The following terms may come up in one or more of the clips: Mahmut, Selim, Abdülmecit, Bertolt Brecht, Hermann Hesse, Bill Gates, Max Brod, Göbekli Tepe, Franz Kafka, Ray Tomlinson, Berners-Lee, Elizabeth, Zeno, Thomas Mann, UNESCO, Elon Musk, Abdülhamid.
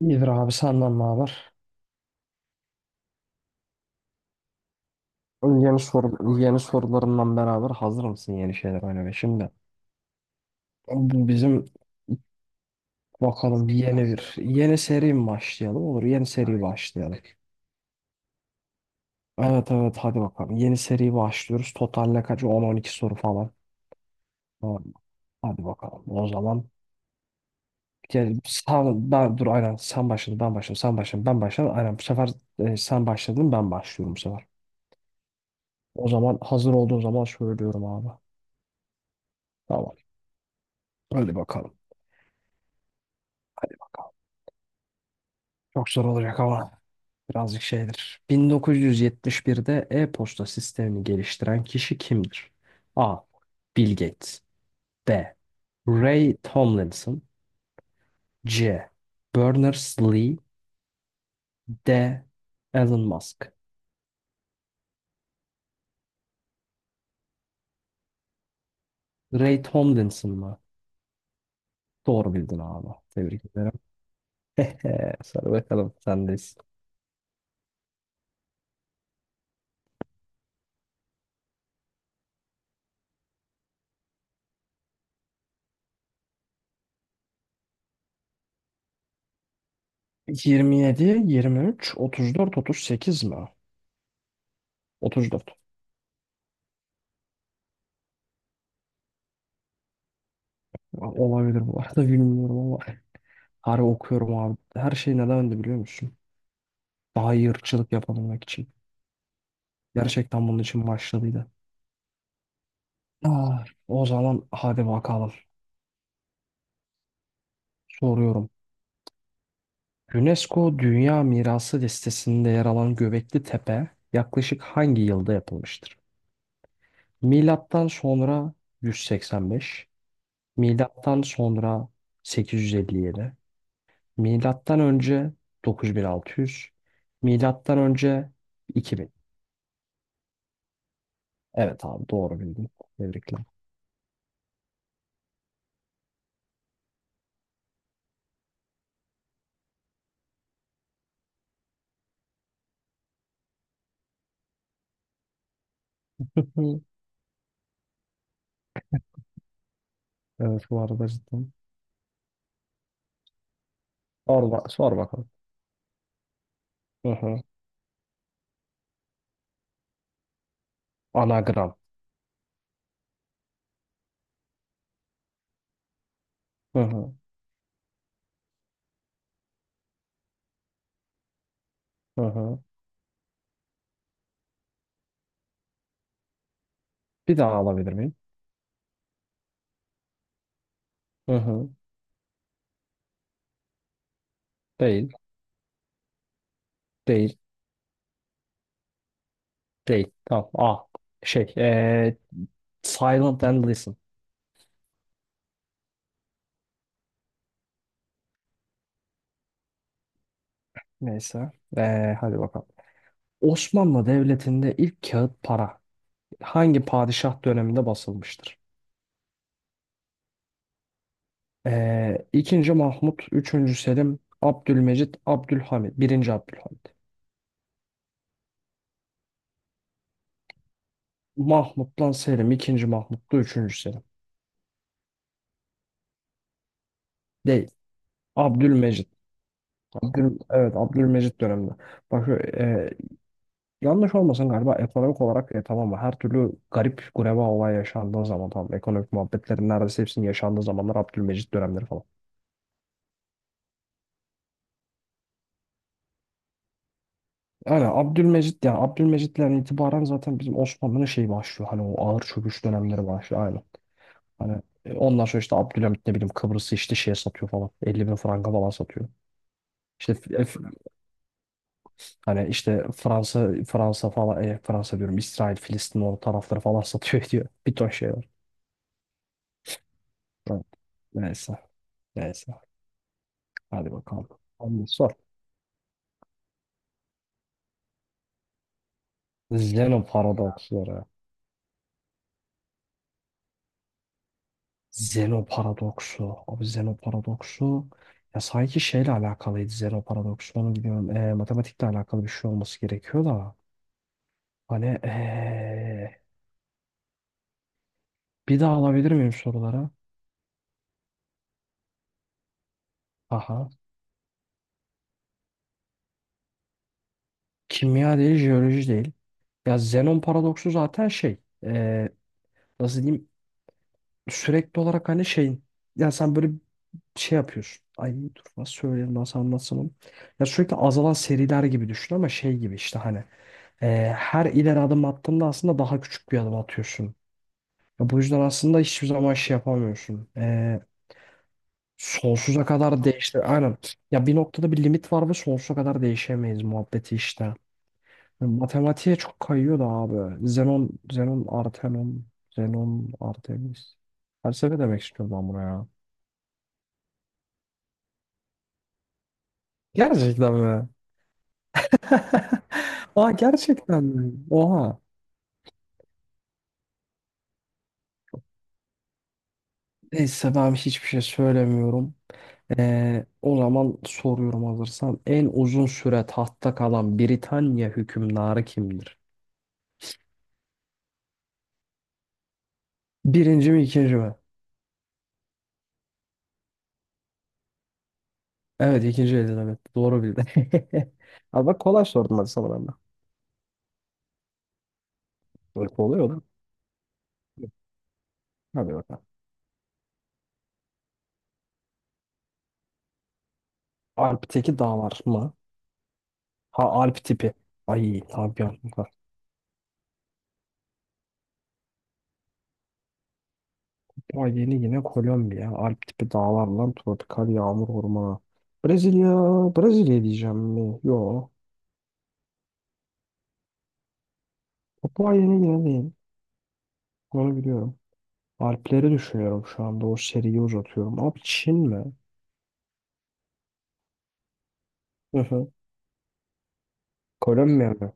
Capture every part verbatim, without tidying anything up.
İyidir abi senden ne haber? Yeni soru, yeni sorularından beraber hazır mısın yeni şeyler oynamaya? Şimdi bu bizim bakalım bir yeni bir yeni seri mi başlayalım? Olur, yeni seri başlayalım. Evet, evet, hadi bakalım. Yeni seri başlıyoruz. Total ne kaç? on on iki soru falan. Tamam. Hadi bakalım. O zaman gel- sen, ben dur, aynen sen başladın ben başladım sen başladın ben başladım. Aynen bu sefer, e, sen başladın ben başlıyorum bu sefer. O zaman hazır olduğun zaman söylüyorum abi. Tamam. Hadi bakalım. Çok zor olacak ama birazcık şeydir. bin dokuz yüz yetmiş birde e-posta sistemini geliştiren kişi kimdir? A. Bill Gates. B. Ray Tomlinson. C. Berners-Lee. D. Elon Musk. Ray Tomlinson mı? Doğru bildin abi. Tebrik ederim. Sor bakalım, sendeyiz. yirmi yedi, yirmi üç, otuz dört, otuz sekiz mi? otuz dört. Olabilir bu arada, bilmiyorum ama. Harbi okuyorum abi. Her şey neden öndü biliyor musun? Daha iyi ırkçılık yapabilmek için. Gerçekten bunun için başladıydı. Ah, o zaman hadi bakalım. Soruyorum. UNESCO Dünya Mirası listesinde yer alan Göbekli Tepe yaklaşık hangi yılda yapılmıştır? Milattan sonra yüz seksen beş, milattan sonra sekiz yüz elli yedi, milattan önce dokuz bin altı yüz, milattan önce iki bin. Evet, abi doğru bildin. Tebrikler. Hı. Evet, bu arada cidden. Sor, ba- sor bakalım. Hı hı. Anagram. Hı hı. Hı hı. Bir daha alabilir miyim? Hı hı. Değil. Değil. Değil. Tamam. A. Şey. eee, silent and listen. Neyse. Eee, hadi bakalım. Osmanlı Devleti'nde ilk kağıt para hangi padişah döneminde basılmıştır? Ee, ikinci Mahmut, üçüncü Selim, Abdülmecit, Abdülhamid, birinci Abdülhamid. Mahmut'tan Selim, ikinci Mahmut'ta üçüncü Selim. Değil. Abdülmecit. Abdül, evet, Abdülmecit döneminde. Bak, e, yanlış olmasın, galiba ekonomik olarak, e, tamam mı? Her türlü garip gureba olay yaşandığı zaman, tamam, ekonomik muhabbetlerin neredeyse hepsinin yaşandığı zamanlar Abdülmecit dönemleri falan. Yani Abdülmecit, yani Abdülmecit'ten itibaren zaten bizim Osmanlı'nın şeyi başlıyor. Hani o ağır çöküş dönemleri başlıyor. Aynen. Hani, e, ondan sonra işte Abdülhamit, ne bileyim, Kıbrıs'ı işte şeye satıyor falan. elli bin franka falan satıyor. İşte f- f- hani işte Fransa Fransa falan, e, Fransa diyorum, İsrail Filistin o tarafları falan satıyor ediyor. Bir ton şey var. Evet, neyse. Neyse. Hadi bakalım. Hadi sor. Zeno paradoksları. Zeno paradoksu. Abi, Zeno paradoksu. Ya sanki şeyle alakalıydı Zeno paradoksu. Onu biliyorum. E, matematikle alakalı bir şey olması gerekiyor da. Hani, e, bir daha alabilir miyim sorulara? Aha. Kimya değil, jeoloji değil. Ya Zenon paradoksu zaten şey. E, nasıl diyeyim? Sürekli olarak hani şeyin. Ya sen böyle şey yapıyorsun. Ay dur, nasıl söyleyelim, nasıl anlatsam onu. Ya sürekli azalan seriler gibi düşün, ama şey gibi işte, hani, e, her ileri adım attığında aslında daha küçük bir adım atıyorsun. Ya bu yüzden aslında hiçbir zaman şey yapamıyorsun. E, sonsuza kadar değişti. Aynen. Ya bir noktada bir limit var ve sonsuza kadar değişemeyiz muhabbeti işte. Yani matematiğe çok kayıyor da abi. Zenon, Zenon, Artenon, Zenon, Artemis. Felsefe demek istiyorum ben buna ya. Gerçekten mi? Aa, gerçekten mi? Oha. Neyse, ben hiçbir şey söylemiyorum. Ee, o zaman soruyorum hazırsan. En uzun süre tahtta kalan Britanya hükümdarı kimdir? Birinci mi, ikinci mi? Evet, ikinci Elizabeth. Doğru bildin. Abi bak, kolay sordum hadi sana ben de. Böyle kolay olur. Hadi bakalım. Alp'teki dağlar mı? Ha, Alp tipi. Ay abi ya. Papua yeni yine Kolombiya. Alp tipi dağlarla tropikal yağmur ormanı. Brezilya. Brezilya diyeceğim mi? Yo. Papua yeni yine değil. Onu biliyorum. Alpleri düşünüyorum şu anda. O seriyi uzatıyorum. Abi, Çin mi? Hı hı. Kolombiya mı?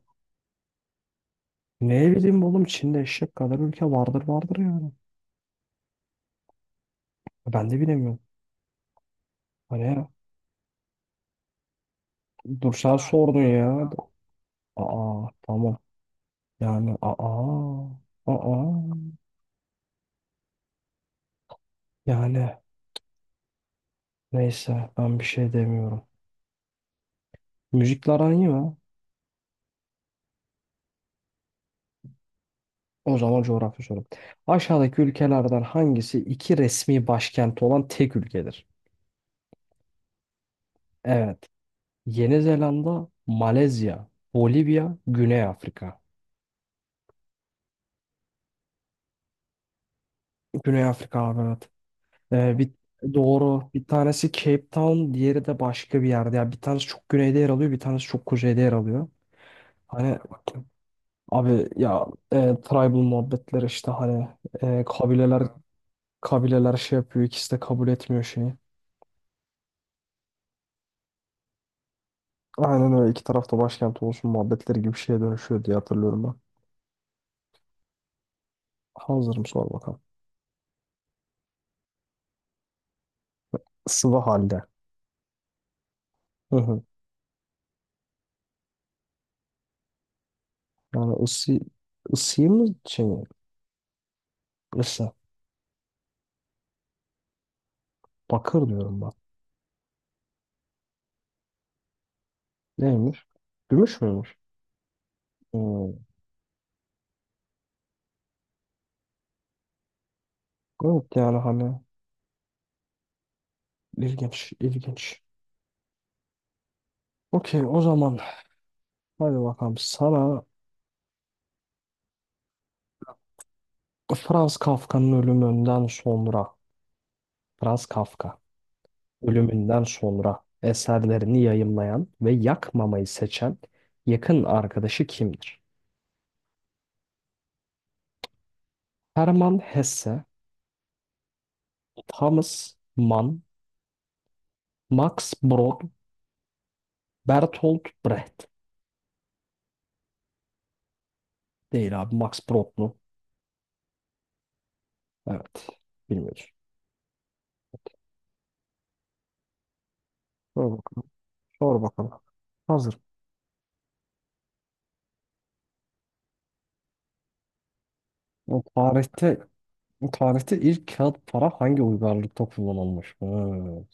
Ne bileyim oğlum, Çin'de eşek kadar ülke vardır vardır yani. Ben de bilemiyorum. Hani ya. Dur, sen sordun ya. Aa, tamam. Yani, aa. Aa. Yani neyse, ben bir şey demiyorum. Müzikle aran iyi mi? O zaman coğrafya sorum. Aşağıdaki ülkelerden hangisi iki resmi başkenti olan tek ülkedir? Evet. Yeni Zelanda, Malezya, Bolivya, Güney Afrika. Güney Afrika abi, evet. Ee, bir, doğru. Bir tanesi Cape Town, diğeri de başka bir yerde. Yani bir tanesi çok güneyde yer alıyor, bir tanesi çok kuzeyde yer alıyor. Hani, abi ya, e, tribal muhabbetler işte, hani, e, kabileler Kabileler şey yapıyor. İkisi de kabul etmiyor şeyi. Aynen öyle. İki tarafta başkent olsun muhabbetleri gibi bir şeye dönüşüyor diye hatırlıyorum ben. Hazırım, sor bakalım. Sıvı halde. Hı hı. Yani ısı, ısıyı mı, şey mi? Isı. Bakır diyorum ben. Neymiş? Gümüş müymüş? Hmm. Evet yani hani ilginç, ilginç. Okey, o zaman hadi bakalım sana. Franz Kafka'nın ölümünden sonra Franz Kafka ölümünden sonra eserlerini yayımlayan ve yakmamayı seçen yakın arkadaşı kimdir? Hermann Hesse, Thomas Mann, Max Brod, Bertolt Brecht. Değil abi, Max Brod mu? Evet. Bilmiyoruz. Sor bakalım. Sor bakalım. Hazır. O tarihte Bu tarihte ilk kağıt para hangi uygarlıkta kullanılmış? Hmm.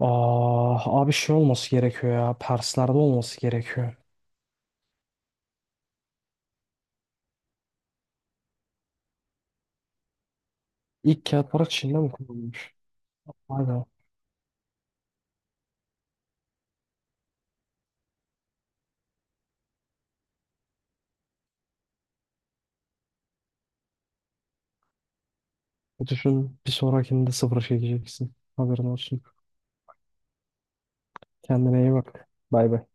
Ah, abi şey olması gerekiyor ya. Perslerde olması gerekiyor. İlk kağıt para Çin'de mi kullanılmış? Aynen. Düşün, bir sonrakinde sıfır çekeceksin. Haberin olsun. Kendine iyi bak. Bay bay.